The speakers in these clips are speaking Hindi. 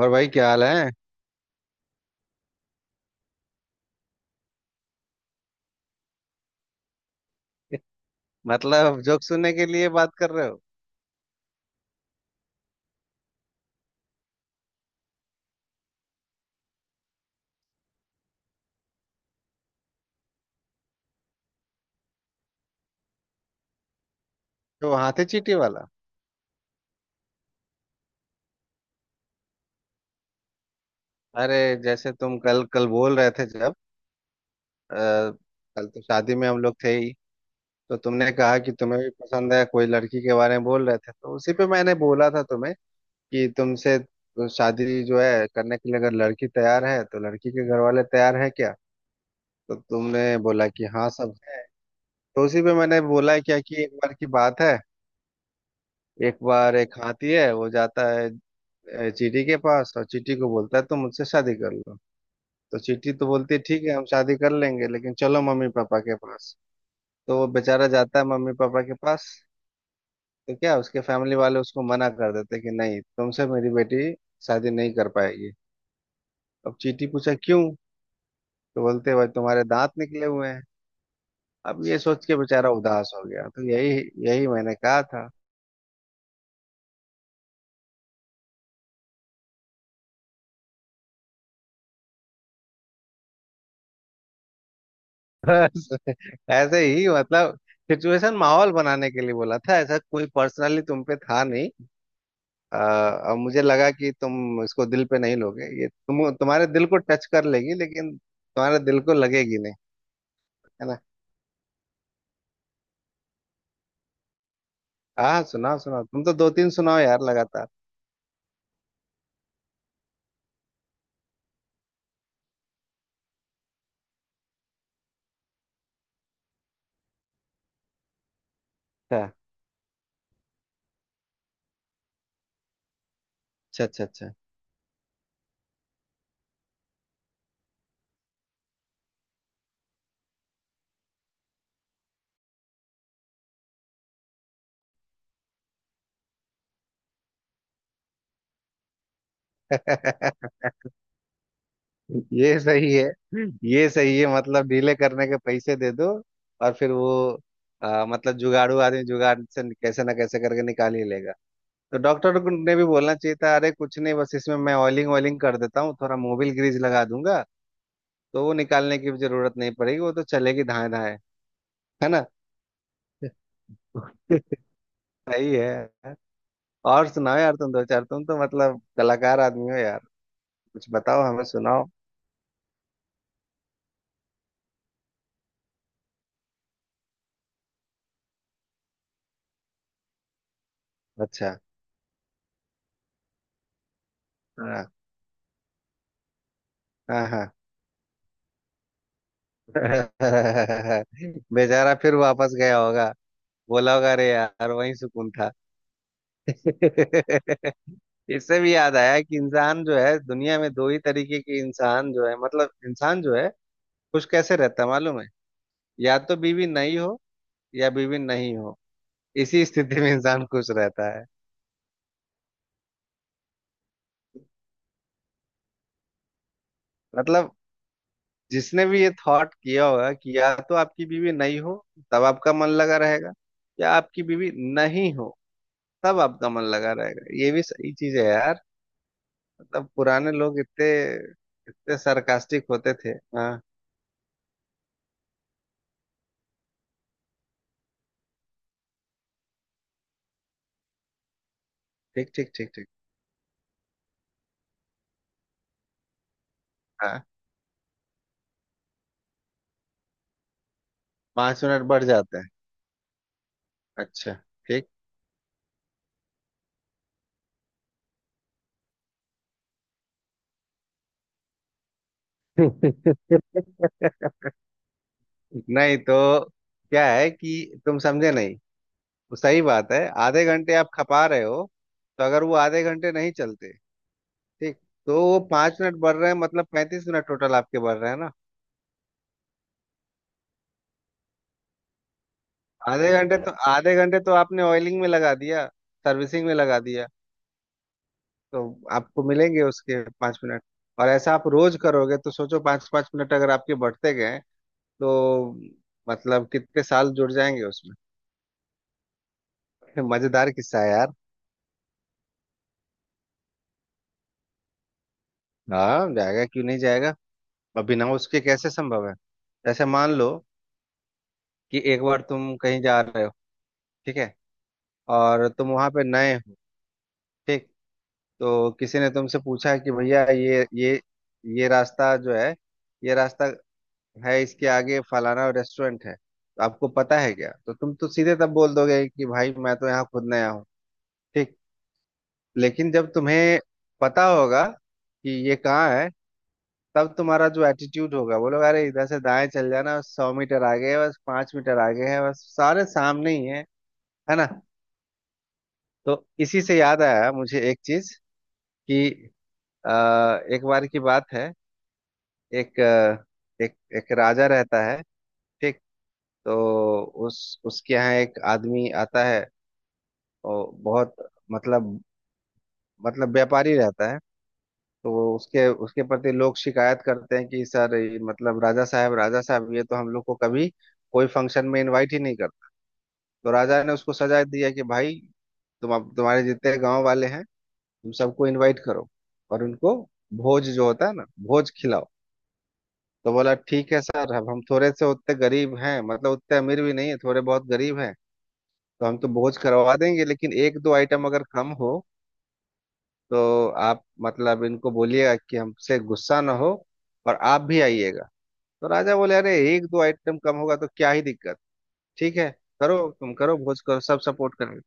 और भाई क्या हाल है। मतलब जोक सुनने के लिए बात कर रहे हो? तो हाथे चींटी वाला। अरे, जैसे तुम कल कल बोल रहे थे जब, आ, कल तो शादी में हम लोग थे ही। तो तुमने कहा कि तुम्हें भी पसंद है, कोई लड़की के बारे में बोल रहे थे। तो उसी पे मैंने बोला था तुम्हें कि तुमसे शादी जो है करने के लिए अगर लड़की तैयार है तो लड़की के घर वाले तैयार है क्या? तो तुमने बोला कि हाँ, सब है। तो उसी पे मैंने बोला क्या कि एक बार की बात है, एक बार एक हाथी है, वो जाता है चीटी के पास और चीटी को बोलता है तुम मुझसे शादी कर लो। तो चीटी तो बोलती है ठीक है, हम शादी कर लेंगे लेकिन चलो मम्मी पापा के पास। तो वो बेचारा जाता है मम्मी पापा के पास। तो क्या, उसके फैमिली वाले उसको मना कर देते हैं कि नहीं, तुमसे मेरी बेटी शादी नहीं कर पाएगी। अब चीटी पूछा क्यों? तो बोलते भाई तुम्हारे दांत निकले हुए हैं। अब ये सोच के बेचारा उदास हो गया। तो यही यही मैंने कहा था। बस, ऐसे ही, मतलब सिचुएशन माहौल बनाने के लिए बोला था। ऐसा कोई पर्सनली तुम पे था नहीं। आ, अब मुझे लगा कि तुम इसको दिल पे नहीं लोगे, ये तुम्हारे दिल को टच कर लेगी लेकिन तुम्हारे दिल को लगेगी नहीं। है ना। हाँ, सुनाओ सुनाओ, तुम तो दो तीन सुनाओ यार लगातार। अच्छा, अच्छा, अच्छा, अच्छा। ये सही है। ये सही है, मतलब डीले करने के पैसे दे दो। और फिर वो मतलब जुगाड़ू आदमी जुगाड़ से कैसे ना कैसे करके निकाल ही लेगा। तो ने भी बोलना चाहिए था अरे कुछ नहीं, बस इसमें मैं ऑयलिंग ऑयलिंग कर देता हूँ, थोड़ा मोबिल ग्रीज लगा दूंगा। तो वो निकालने की भी जरूरत नहीं पड़ेगी, वो तो चलेगी धाए धाए। है ना। सही है। और सुनाओ यार, तुम दो चार, तुम तो मतलब कलाकार आदमी हो यार। कुछ बताओ, हमें सुनाओ। अच्छा। हाँ, हाँ, हाँ। बेचारा फिर वापस गया होगा। बोला होगा अरे यार, वही सुकून था। इससे भी याद आया कि इंसान जो है दुनिया में दो ही तरीके के इंसान जो है, मतलब इंसान जो है खुश कैसे रहता है मालूम है? या तो बीवी नहीं हो, या बीवी नहीं हो, इसी स्थिति में इंसान खुश रहता है। मतलब जिसने भी ये थॉट किया होगा कि या तो आपकी बीवी नहीं हो तब आपका मन लगा रहेगा, या आपकी बीवी नहीं हो तब आपका मन लगा रहेगा, ये भी सही चीज है यार। मतलब पुराने लोग इतने, इतने सरकास्टिक होते थे। हाँ। ठीक, ठीक, ठीक, ठीक। हाँ, पांच मिनट बढ़ जाते हैं। अच्छा। ठीक। नहीं तो, क्या है कि तुम समझे नहीं। वो सही बात है, आधे घंटे आप खपा रहे हो। तो अगर वो आधे घंटे नहीं चलते, ठीक, तो वो पांच मिनट बढ़ रहे हैं, मतलब पैंतीस मिनट टोटल आपके बढ़ रहे हैं ना। आधे घंटे तो, आधे घंटे तो आपने ऑयलिंग में लगा दिया, सर्विसिंग में लगा दिया। तो आपको मिलेंगे उसके पांच मिनट। और ऐसा आप रोज करोगे तो सोचो, पांच पांच मिनट अगर आपके बढ़ते गए तो मतलब कितने साल जुड़ जाएंगे उसमें। मजेदार किस्सा है यार। हाँ जाएगा, क्यों नहीं जाएगा। अब बिना उसके कैसे संभव है। जैसे मान लो कि एक बार तुम कहीं जा रहे हो, ठीक है, और तुम वहां पे नए हो, ठीक। तो किसी ने तुमसे पूछा कि भैया ये ये रास्ता जो है, ये रास्ता है, इसके आगे फलाना रेस्टोरेंट है तो आपको पता है क्या? तो तुम तो सीधे तब बोल दोगे कि भाई मैं तो यहाँ खुद नया हूँ। ठीक। लेकिन जब तुम्हें पता होगा कि ये कहाँ है, तब तुम्हारा जो एटीट्यूड होगा, बोलोगे अरे इधर से दाएं चल जाना, सौ मीटर आगे है बस, पांच मीटर आगे है बस, सारे सामने ही है। है ना। तो इसी से याद आया मुझे एक चीज कि अ, एक बार की बात है, एक अ, एक एक राजा रहता है, ठीक। तो उस उसके यहाँ एक आदमी आता है, और बहुत, मतलब, व्यापारी रहता है। तो वो उसके उसके प्रति लोग शिकायत करते हैं कि सर ये, मतलब राजा साहब, राजा साहब ये तो हम लोग को कभी कोई फंक्शन में इनवाइट ही नहीं करता। तो राजा ने उसको सजा दिया कि भाई तुम, अब तुम्हारे जितने गांव वाले हैं तुम सबको इनवाइट करो, और उनको भोज जो होता है ना, भोज खिलाओ। तो बोला ठीक है सर, अब हम थोड़े से उतने गरीब हैं, मतलब उतने अमीर भी नहीं है, थोड़े बहुत गरीब हैं। तो हम तो भोज करवा देंगे लेकिन एक दो आइटम अगर कम हो तो आप मतलब इनको बोलिएगा कि हमसे गुस्सा ना हो, और आप भी आइएगा। तो राजा बोले अरे एक दो आइटम कम होगा तो क्या ही दिक्कत। ठीक है, करो तुम, करो भोज, करो, सब सपोर्ट करेंगे।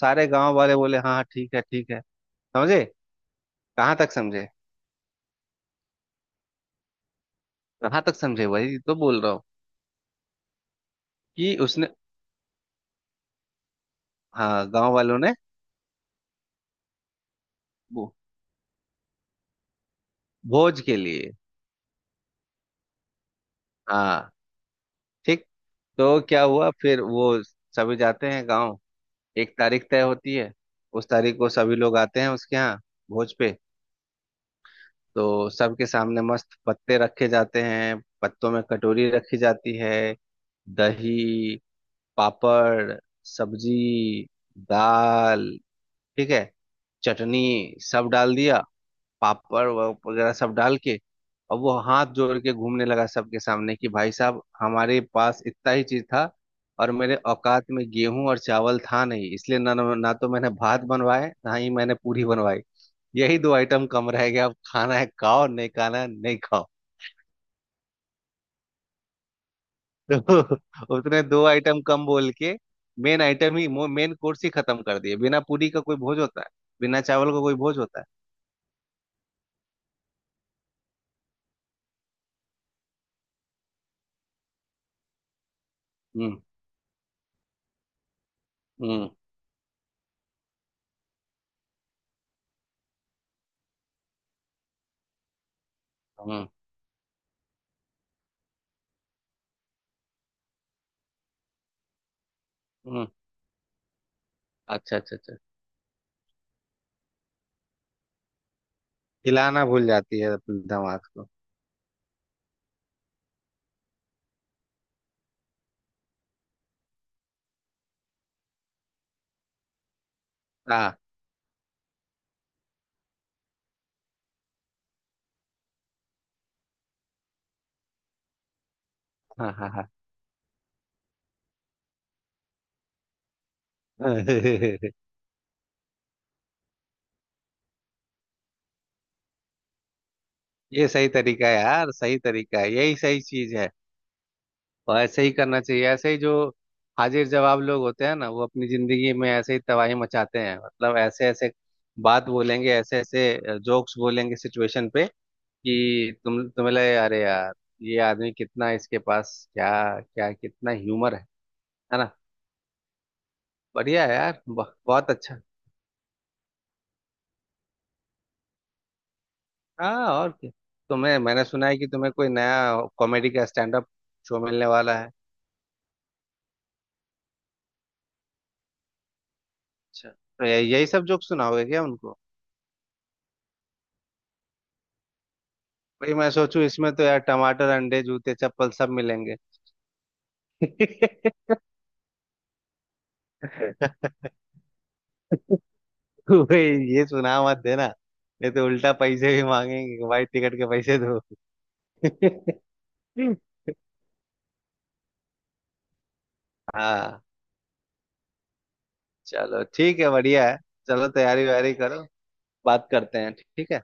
सारे गांव वाले बोले हाँ हाँ, ठीक है ठीक है। समझे? कहाँ तक समझे? कहाँ तक समझे वही तो बोल रहा हूँ कि उसने, हाँ, गांव वालों ने, भो- भोज के लिए, हाँ, ठीक। तो क्या हुआ फिर वो, सभी जाते हैं गांव, एक तारीख तय होती है, उस तारीख को सभी लोग आते हैं उसके यहाँ, भोज पे। तो सबके सामने मस्त पत्ते रखे जाते हैं, पत्तों में कटोरी रखी जाती है, दही, पापड़, सब्जी, दाल, ठीक है, चटनी, सब डाल दिया, वगैरह सब डाल के। और वो हाथ जोड़ के घूमने लगा सबके सामने कि भाई साहब, हमारे पास इतना ही चीज था, और मेरे औकात में गेहूं और चावल था नहीं, इसलिए ना ना तो मैंने भात बनवाए ना ही मैंने पूरी बनवाई। यही दो आइटम कम रह गया, अब खाना है खाओ, नहीं खाना है नहीं खाओ। तो उसने दो आइटम कम बोल के मेन आइटम ही, मेन कोर्स ही खत्म कर दिए। बिना पूरी का कोई भोज होता है? बिना चावल का कोई भोज होता है? हम्म, हम्म, हम्म, हम्म। अच्छा, अच्छा, अच्छा। हिलाना भूल जाती है अपने दिमाग को। हाँ, हाँ, हाँ, हाँ। ये सही तरीका है यार, सही तरीका है, यही सही चीज है। और ऐसे ही करना चाहिए, ऐसे ही जो हाजिर जवाब लोग होते हैं ना वो अपनी जिंदगी में ऐसे ही तबाही मचाते हैं, मतलब ऐसे ऐसे बात बोलेंगे, ऐसे ऐसे जोक्स बोलेंगे सिचुएशन पे कि तुम्हें लगे अरे यार ये आदमी कितना, इसके पास क्या, क्या कितना ह्यूमर है। है ना। बढ़िया है यार, बहुत अच्छा। हाँ और क्या। तुम्हें मैंने सुना है कि तुम्हें कोई नया कॉमेडी का स्टैंड अप शो मिलने वाला है। अच्छा, तो यही सब जोक सुनाओगे क्या उनको? भाई मैं सोचूं इसमें तो यार टमाटर अंडे जूते चप्पल सब मिलेंगे। तू भाई, ये सुना मत देना, नहीं तो उल्टा पैसे भी मांगेंगे कि भाई टिकट के पैसे दो। हाँ चलो, ठीक है, बढ़िया है। चलो तैयारी वैयारी करो, बात करते हैं, ठीक है।